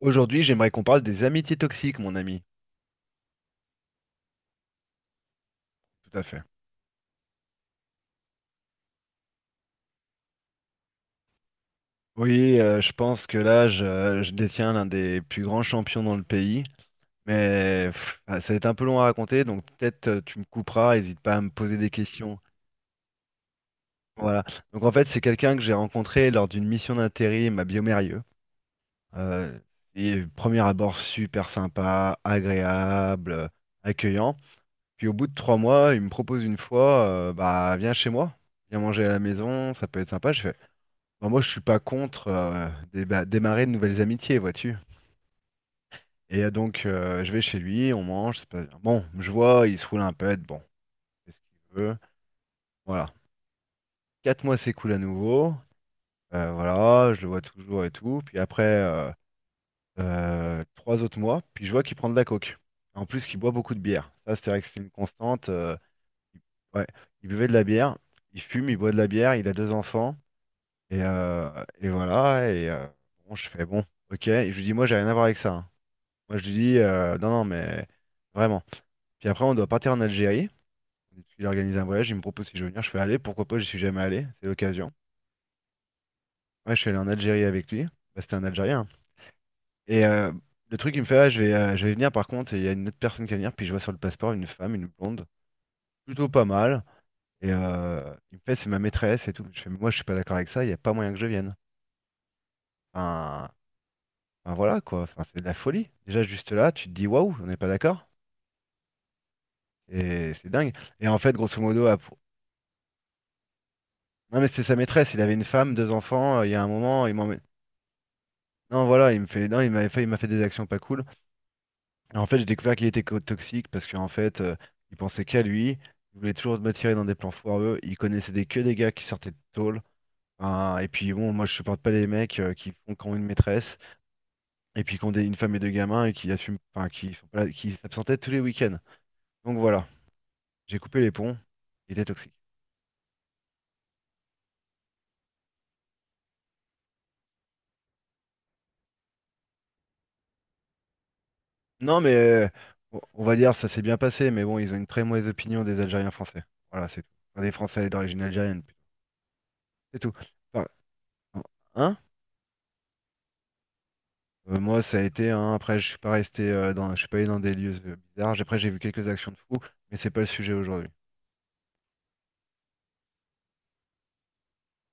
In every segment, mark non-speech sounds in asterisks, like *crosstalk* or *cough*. Aujourd'hui, j'aimerais qu'on parle des amitiés toxiques, mon ami. Tout à fait. Oui, je pense que là, je détiens l'un des plus grands champions dans le pays. Mais pff, ah, ça va être un peu long à raconter, donc peut-être tu me couperas, n'hésite pas à me poser des questions. Voilà. Donc en fait, c'est quelqu'un que j'ai rencontré lors d'une mission d'intérim à Biomérieux. Euh, et premier abord super sympa, agréable, accueillant. Puis au bout de 3 mois, il me propose une fois, bah viens chez moi, viens manger à la maison, ça peut être sympa. Je fais, bah, moi, je suis pas contre démarrer de nouvelles amitiés, vois-tu. Et donc, je vais chez lui, on mange, c'est pas bon, je vois, il se roule un pet, bon, c'est ce qu'il veut. Voilà. 4 mois s'écoulent à nouveau. Voilà, je le vois toujours et tout. Puis après, 3 autres mois, puis je vois qu'il prend de la coke. En plus, qu'il boit beaucoup de bière. Ça, c'est vrai que c'était une constante. Il- ouais, il buvait de la bière, il fume, il boit de la bière, il a deux enfants. Et, et voilà, bon, je fais bon, ok. Et je lui dis, moi, j'ai rien à voir avec ça. Hein. Moi, je lui dis, non, non, mais vraiment. Puis après, on doit partir en Algérie. Il a organisé un voyage, il me propose si je veux venir. Je fais aller, pourquoi pas, j'y suis jamais allé, c'est l'occasion. Ouais, je suis allé en Algérie avec lui. Bah, c'était un Algérien. Et euh, le truc, il me fait, ah, je vais venir par contre, et il y a une autre personne qui va venir. Puis je vois sur le passeport une femme, une blonde, plutôt pas mal. Il me fait, c'est ma maîtresse et tout. Je fais, mais moi, je suis pas d'accord avec ça, il n'y a pas moyen que je vienne. Enfin, enfin, voilà quoi, enfin, c'est de la folie. Déjà, juste là, tu te dis, waouh, on n'est pas d'accord. Et c'est dingue. Et en fait, grosso modo. Non, mais c'était sa maîtresse, il avait une femme, deux enfants, il y a un moment, Non, voilà, il me fait. Non, il m'avait fait. Il m'a fait des actions pas cool. Et en fait, j'ai découvert qu'il était toxique parce qu'en fait, il pensait qu'à lui, il voulait toujours me tirer dans des plans foireux, il connaissait que des gars qui sortaient de tôle. Enfin, et puis bon, moi je supporte pas les mecs qui font quand une maîtresse, et puis qui ont une femme et deux gamins, et qui assument, enfin, qui sont pas là- qui s'absentaient tous les week-ends. Donc voilà, j'ai coupé les ponts, il était toxique. Non, mais on va dire ça s'est bien passé, mais bon, ils ont une très mauvaise opinion des Algériens français. Voilà, c'est tout. Enfin, des Français d'origine algérienne, plutôt. C'est tout. Enfin, hein? Moi, ça a été. Hein, après, je suis pas resté je suis pas allé dans des lieux bizarres. Après, j'ai vu quelques actions de fous, mais c'est pas le sujet aujourd'hui.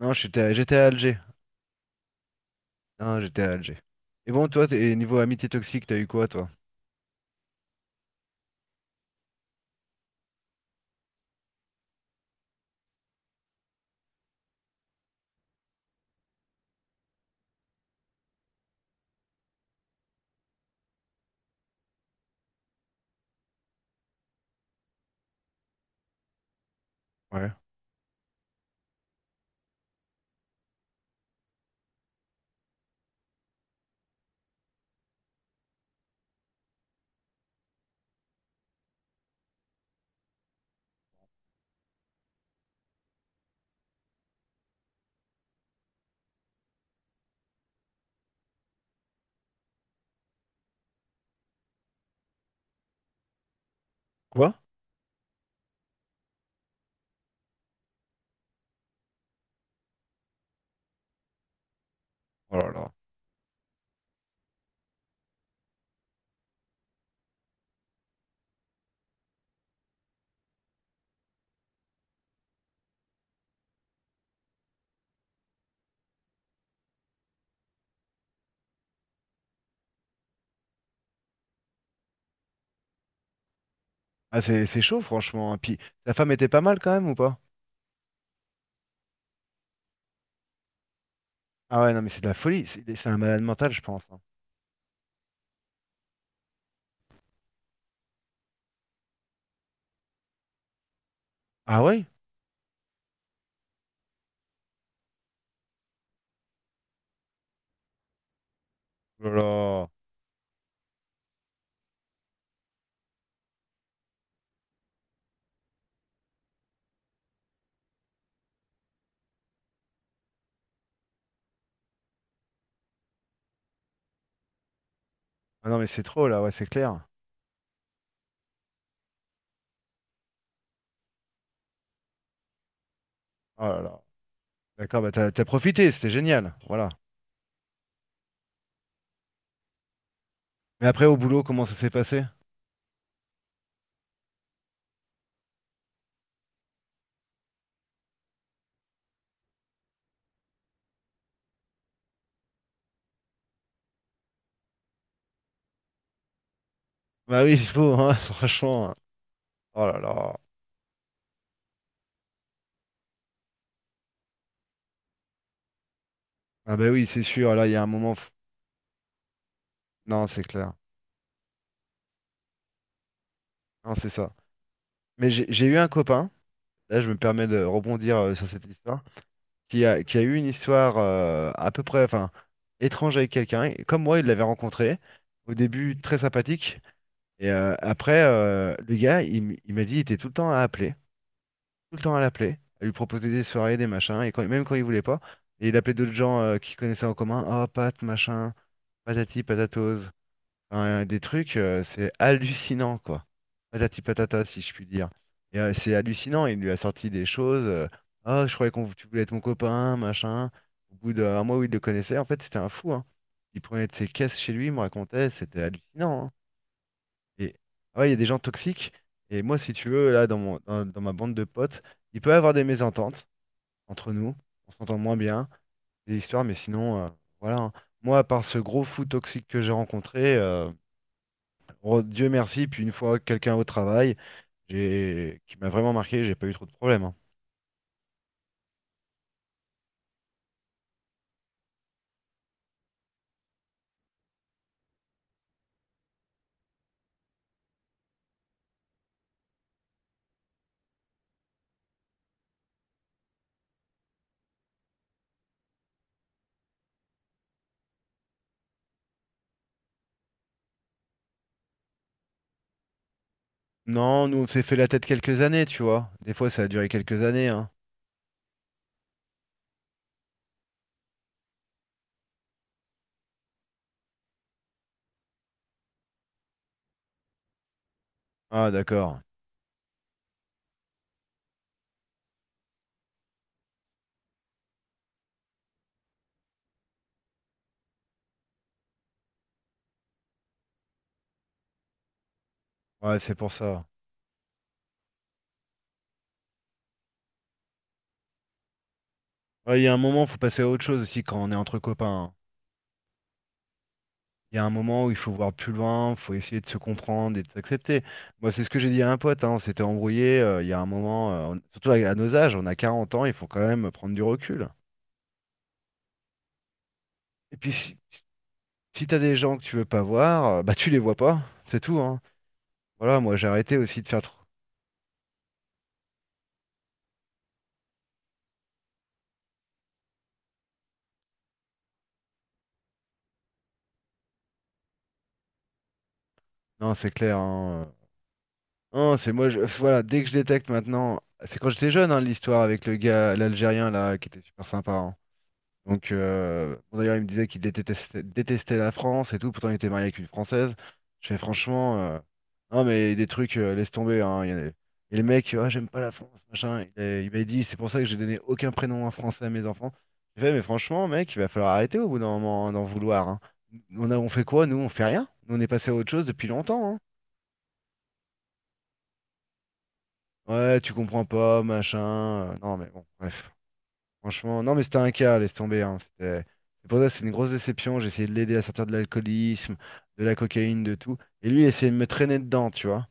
Non, j'étais à Alger. Non, j'étais à Alger. Et bon, toi, niveau amitié toxique, t'as eu quoi, toi? Ouais. Quoi? Oh là là. Ah, c'est chaud, franchement. Hein. Puis, ta femme était pas mal quand même ou pas? Ah ouais, non, mais c'est de la folie. C'est un malade mental, je pense. Hein. Ah ouais? Oh là là. Ah non, mais c'est trop là, ouais, c'est clair. Oh là là. D'accord, bah t'as profité, c'était génial. Voilà. Mais après, au boulot, comment ça s'est passé? Bah oui, *laughs* il faut, hein, *laughs* franchement. Oh là là. Ah bah oui, c'est sûr, là, il y a un moment. Non, c'est clair. Non, c'est ça. Mais j'ai eu un copain, là, je me permets de rebondir sur cette histoire, qui a eu une histoire à peu près, enfin, étrange avec quelqu'un. Et comme moi, il l'avait rencontré. Au début, très sympathique. Après, le gars, il m'a dit, il était tout le temps à appeler. Tout le temps à l'appeler, à lui proposer des soirées, des machins, et même quand il voulait pas. Et il appelait d'autres gens qu'il connaissait en commun, oh Pat, machin, patati patatose. Enfin, des trucs, c'est hallucinant, quoi. Patati patata, si je puis dire. C'est hallucinant, il lui a sorti des choses. Ah, je croyais qu'on tu voulais être mon copain, machin. Au bout d'un mois où il le connaissait, en fait, c'était un fou, hein. Il prenait de ses caisses chez lui, il me racontait, c'était hallucinant. Hein. Et ah ouais, il y a des gens toxiques. Et moi, si tu veux, là, dans mon, dans dans ma bande de potes, il peut y avoir des mésententes entre nous. On s'entend moins bien, des histoires, mais sinon, voilà. Hein. Moi, à part ce gros fou toxique que j'ai rencontré, oh, Dieu merci, puis une fois quelqu'un au travail, j'ai qui m'a vraiment marqué, j'ai pas eu trop de problèmes. Hein. Non, nous on s'est fait la tête quelques années, tu vois. Des fois, ça a duré quelques années, hein. Ah, d'accord. Ouais, c'est pour ça. Ouais, il y a un moment, faut passer à autre chose aussi quand on est entre copains. Hein. Il y a un moment où il faut voir plus loin, faut essayer de se comprendre et de s'accepter. Moi, c'est ce que j'ai dit à un pote, hein, on s'était embrouillé, il y a un moment, surtout à nos âges, on a 40 ans, il faut quand même prendre du recul. Et puis, si t'as des gens que tu veux pas voir, bah tu les vois pas, c'est tout, hein. Voilà, moi j'ai arrêté aussi de faire trop. Non, c'est clair, hein. Non, c'est moi, voilà, dès que je détecte maintenant, c'est quand j'étais jeune, hein, l'histoire avec le gars, l'Algérien là, qui était super sympa, hein. Donc, bon, d'ailleurs, il me disait qu'il détestait la France et tout, pourtant il était marié avec une Française. Je fais franchement, non, mais des trucs, laisse tomber. Hein. Il y en a- Et le mec, ah, j'aime pas la France, machin. Il m'a dit, c'est pour ça que j'ai donné aucun prénom en français à mes enfants. J'ai fait, mais franchement, mec, il va falloir arrêter au bout d'un moment hein, d'en vouloir. Hein. On fait quoi, nous? On fait rien. Nous, on est passé à autre chose depuis longtemps. Hein. Ouais, tu comprends pas, machin. Non, mais bon, bref. Franchement, non, mais c'était un cas, laisse tomber. Hein. C'est pour ça, c'est une grosse déception. J'ai essayé de l'aider à sortir de l'alcoolisme, de la cocaïne, de tout. Et lui, il essayait de me traîner dedans, tu vois.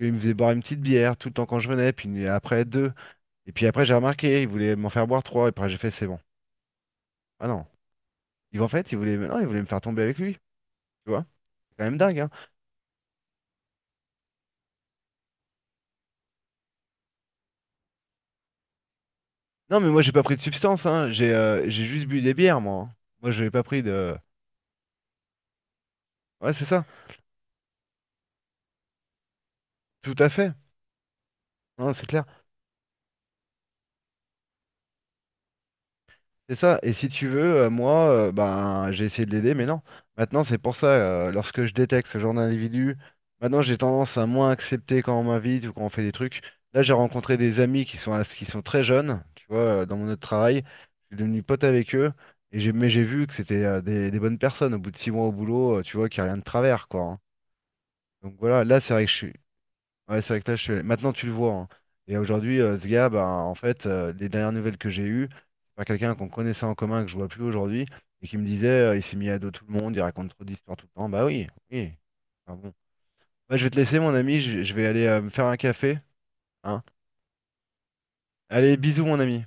Il me faisait boire une petite bière tout le temps quand je venais, puis après deux. Et puis après, j'ai remarqué, il voulait m'en faire boire trois. Et après, j'ai fait, c'est bon. Ah non. En fait, il voulait, non, il voulait me faire tomber avec lui, tu vois. C'est quand même dingue, hein. Non, mais moi, j'ai pas pris de substance, hein. J'ai juste bu des bières, moi. Hein. Moi, je n'ai pas pris de. Ouais, c'est ça. Tout à fait. Non, c'est clair. C'est ça, et si tu veux, moi, ben, j'ai essayé de l'aider, mais non. Maintenant, c'est pour ça, lorsque je détecte ce genre d'individu, maintenant j'ai tendance à moins accepter quand on m'invite ou quand on fait des trucs. Là, j'ai rencontré des amis qui sont très jeunes, tu vois, dans mon autre travail. Je suis devenu pote avec eux, et j'ai vu que c'était des bonnes personnes. Au bout de 6 mois au boulot, tu vois, qu'il n'y a rien de travers, quoi. Hein. Donc voilà, là, c'est vrai que je suis. Ouais, c'est vrai que là, maintenant tu le vois. Hein. Et aujourd'hui, ce gars, ben, en fait, les dernières nouvelles que j'ai eues, c'est pas quelqu'un qu'on connaissait en commun, que je vois plus aujourd'hui, et qui me disait, il s'est mis à dos tout le monde, il raconte trop d'histoires tout le temps. Bah oui, oui. Enfin bon. Bah, je vais te laisser, mon ami, je vais aller me faire un café. Hein. Allez, bisous, mon ami.